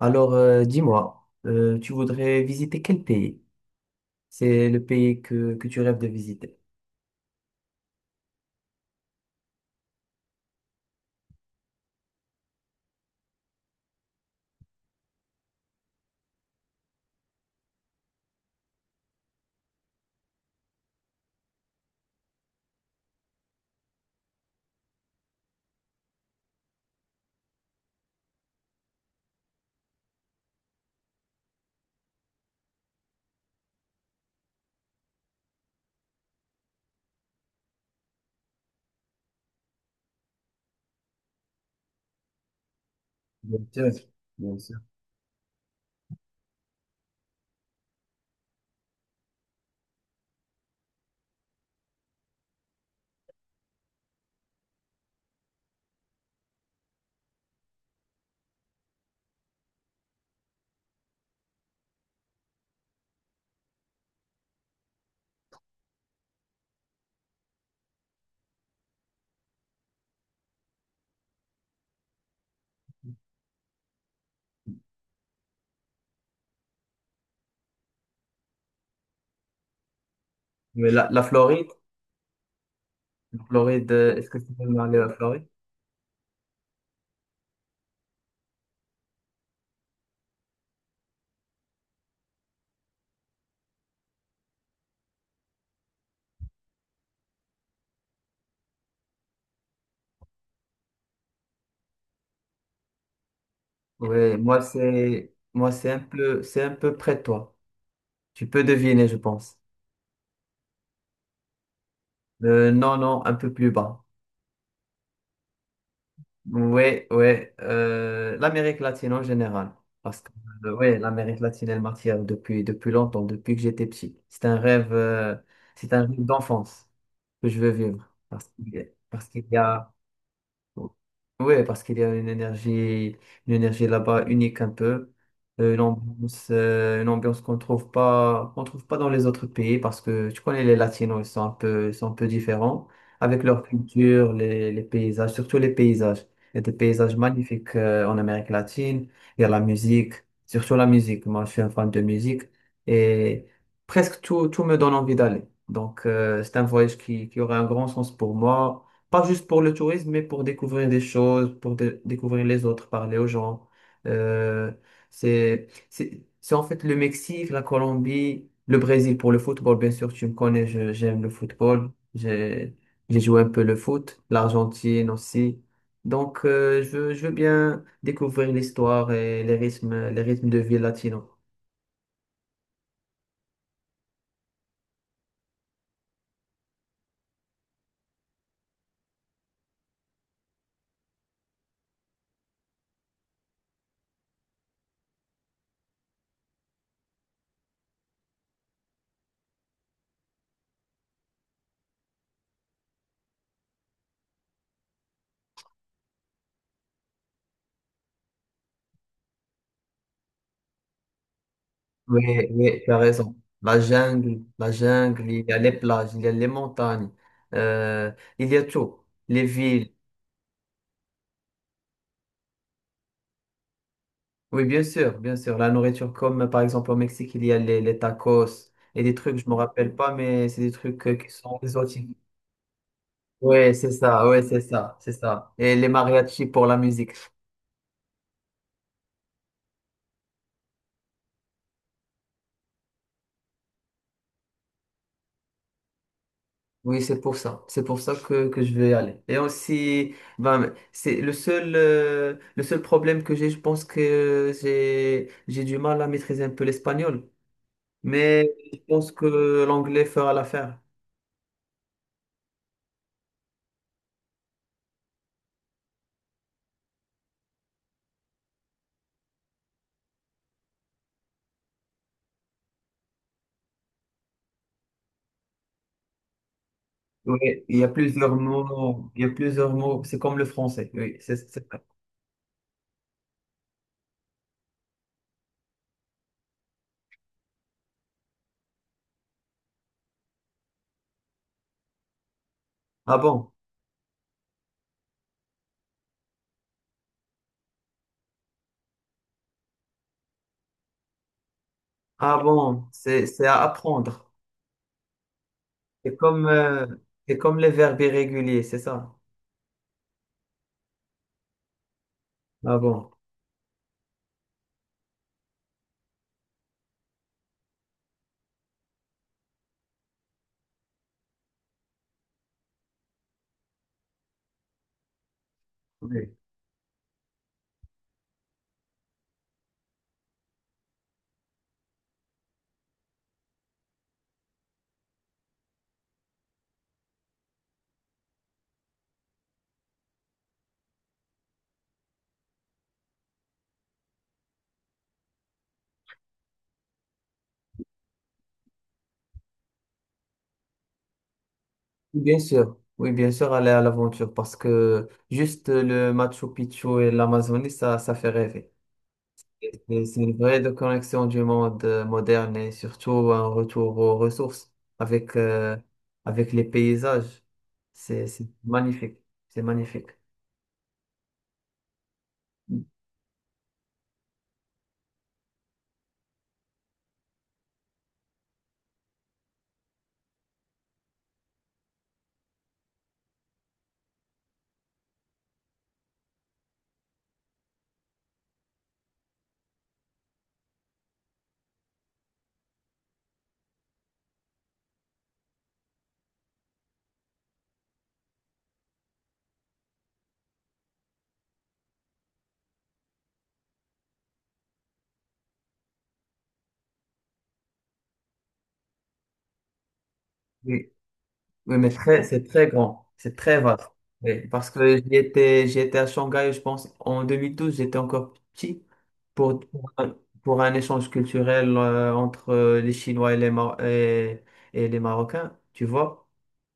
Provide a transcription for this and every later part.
Alors, dis-moi, tu voudrais visiter quel pays? C'est le pays que tu rêves de visiter. Bien sûr, bien sûr. Mais la Floride, la Floride, est-ce que tu peux aller à la Floride? Oui, moi c'est un peu c'est un peu près de toi. Tu peux deviner, je pense. Non, non, un peu plus bas. Ouais, ouais, l'Amérique latine en général. Parce que, ouais, l'Amérique latine, elle m'attire depuis longtemps, depuis que j'étais petit. C'est un rêve d'enfance que je veux vivre. Parce qu'il y a, parce qu'il y a- Ouais, parce qu'il y a une énergie là-bas unique un peu. Une ambiance, une ambiance qu'on trouve pas dans les autres pays, parce que tu connais les Latinos, ils sont un peu différents avec leur culture, les paysages, surtout les paysages. Il y a des paysages magnifiques en Amérique latine. Il y a la musique, surtout la musique. Moi, je suis un fan de musique et presque tout me donne envie d'aller. Donc, c'est un voyage qui aurait un grand sens pour moi. Pas juste pour le tourisme, mais pour découvrir des choses, pour découvrir les autres, parler aux gens. Euh, c'est en fait le Mexique, la Colombie, le Brésil pour le football. Bien sûr, tu me connais, j'aime le football. J'ai, j'ai joué un peu le foot, l'Argentine aussi. Donc, je veux bien découvrir l'histoire et les rythmes de vie latino. Oui, oui, tu as raison. La jungle, il y a les plages, il y a les montagnes, euh, il y a tout. Les villes. Oui, bien sûr, bien sûr. La nourriture, comme par exemple au Mexique, il y a les tacos et des trucs, je me rappelle pas, mais c'est des trucs qui sont exotiques. Oui, c'est ça, c'est ça. Et les mariachis pour la musique. Oui, c'est pour ça. C'est pour ça que je vais y aller. Et aussi, ben, c'est le seul problème que j'ai, j'ai du mal à maîtriser un peu l'espagnol. Mais je pense que l'anglais fera l'affaire. Oui, il y a plusieurs mots. Il y a plusieurs mots. C'est comme le français. Oui, c'est ça. Ah bon? Ah bon, c'est à apprendre. C'est comme, euh, c'est comme les verbes irréguliers, c'est ça? Ah bon? Oui. Oui, bien sûr, oui, bien sûr, aller à l'aventure parce que juste le Machu Picchu et l'Amazonie, ça fait rêver. Et c'est une vraie déconnexion du monde moderne et surtout un retour aux ressources avec, avec les paysages. C'est magnifique, c'est magnifique. Oui. Oui, mais très, c'est très grand, c'est très vaste. Oui, parce que j'y étais à Shanghai, je pense, en 2012. J'étais encore petit pour, pour un échange culturel entre les Chinois et et les Marocains, tu vois.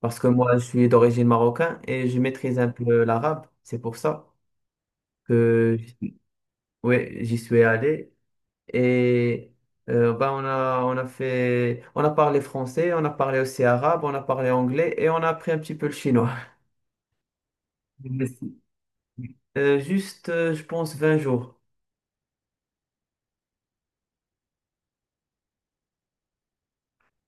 Parce que moi, je suis d'origine marocaine et je maîtrise un peu l'arabe. C'est pour ça que oui, j'y suis allé. Et ben, on a parlé français, on a parlé aussi arabe, on a parlé anglais et on a appris un petit peu le chinois. Merci. Juste, je pense, 20 jours.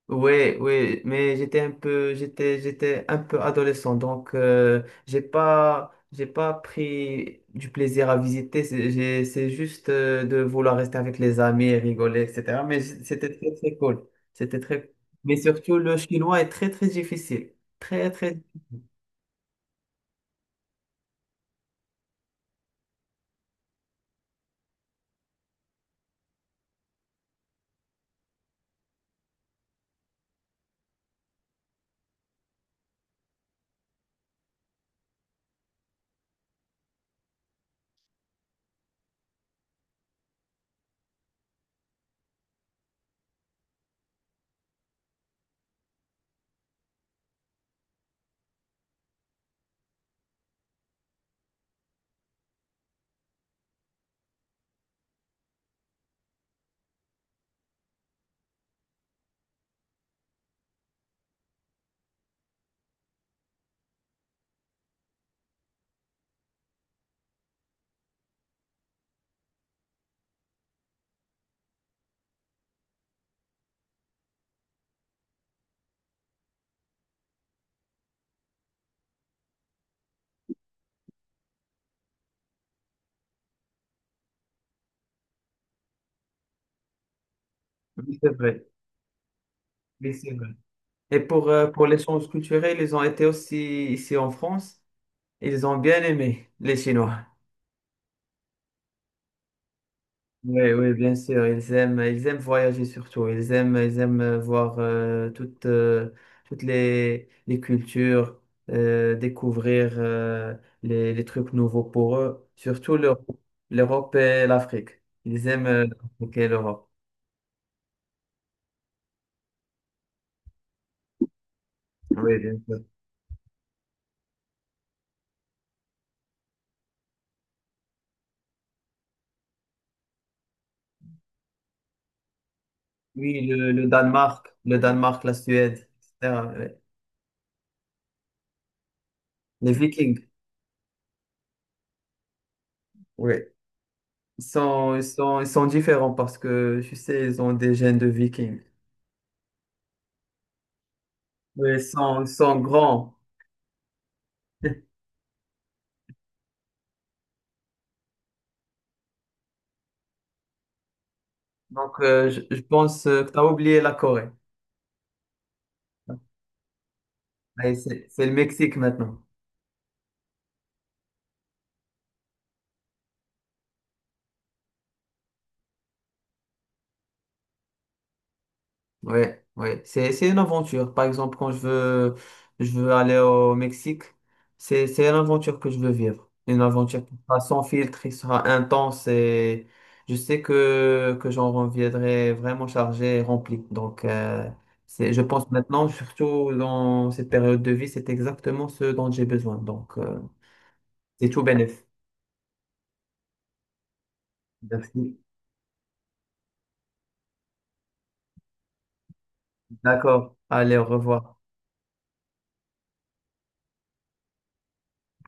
Ouais, ouais, mais j'étais un peu adolescent, donc j'ai pas pris du plaisir à visiter. C'est juste de vouloir rester avec les amis et rigoler, etc. Mais c'était très, très cool. C'était très. Mais surtout, le chinois est très, très difficile. Très, très difficile. Oui, c'est vrai. Oui, c'est vrai. Et pour l'échange culturel, ils ont été aussi ici en France. Ils ont bien aimé les Chinois. Oui, oui, bien sûr. Ils aiment voyager surtout. Ils aiment voir toutes les cultures, découvrir les trucs nouveaux pour eux, surtout l'Europe, l'Europe et l'Afrique. Ils aiment l'Afrique et l'Europe. Oui, bien sûr. Oui, le Danemark, la Suède, etc. Oui. Les Vikings, oui. Ils sont différents parce que, tu sais, ils ont des gènes de Vikings. Oui, ils sont grands. Donc, je pense que tu as oublié la Corée. Ouais, c'est le Mexique maintenant. Oui, oui. C'est une aventure. Par exemple, je veux aller au Mexique, c'est une aventure que je veux vivre. Une aventure qui sera sans filtre, qui sera intense et je sais que j'en reviendrai vraiment chargé et rempli. Donc, c'est, je pense maintenant, surtout dans cette période de vie, c'est exactement ce dont j'ai besoin. Donc, c'est tout bénéf. Merci. D'accord. Allez, au revoir.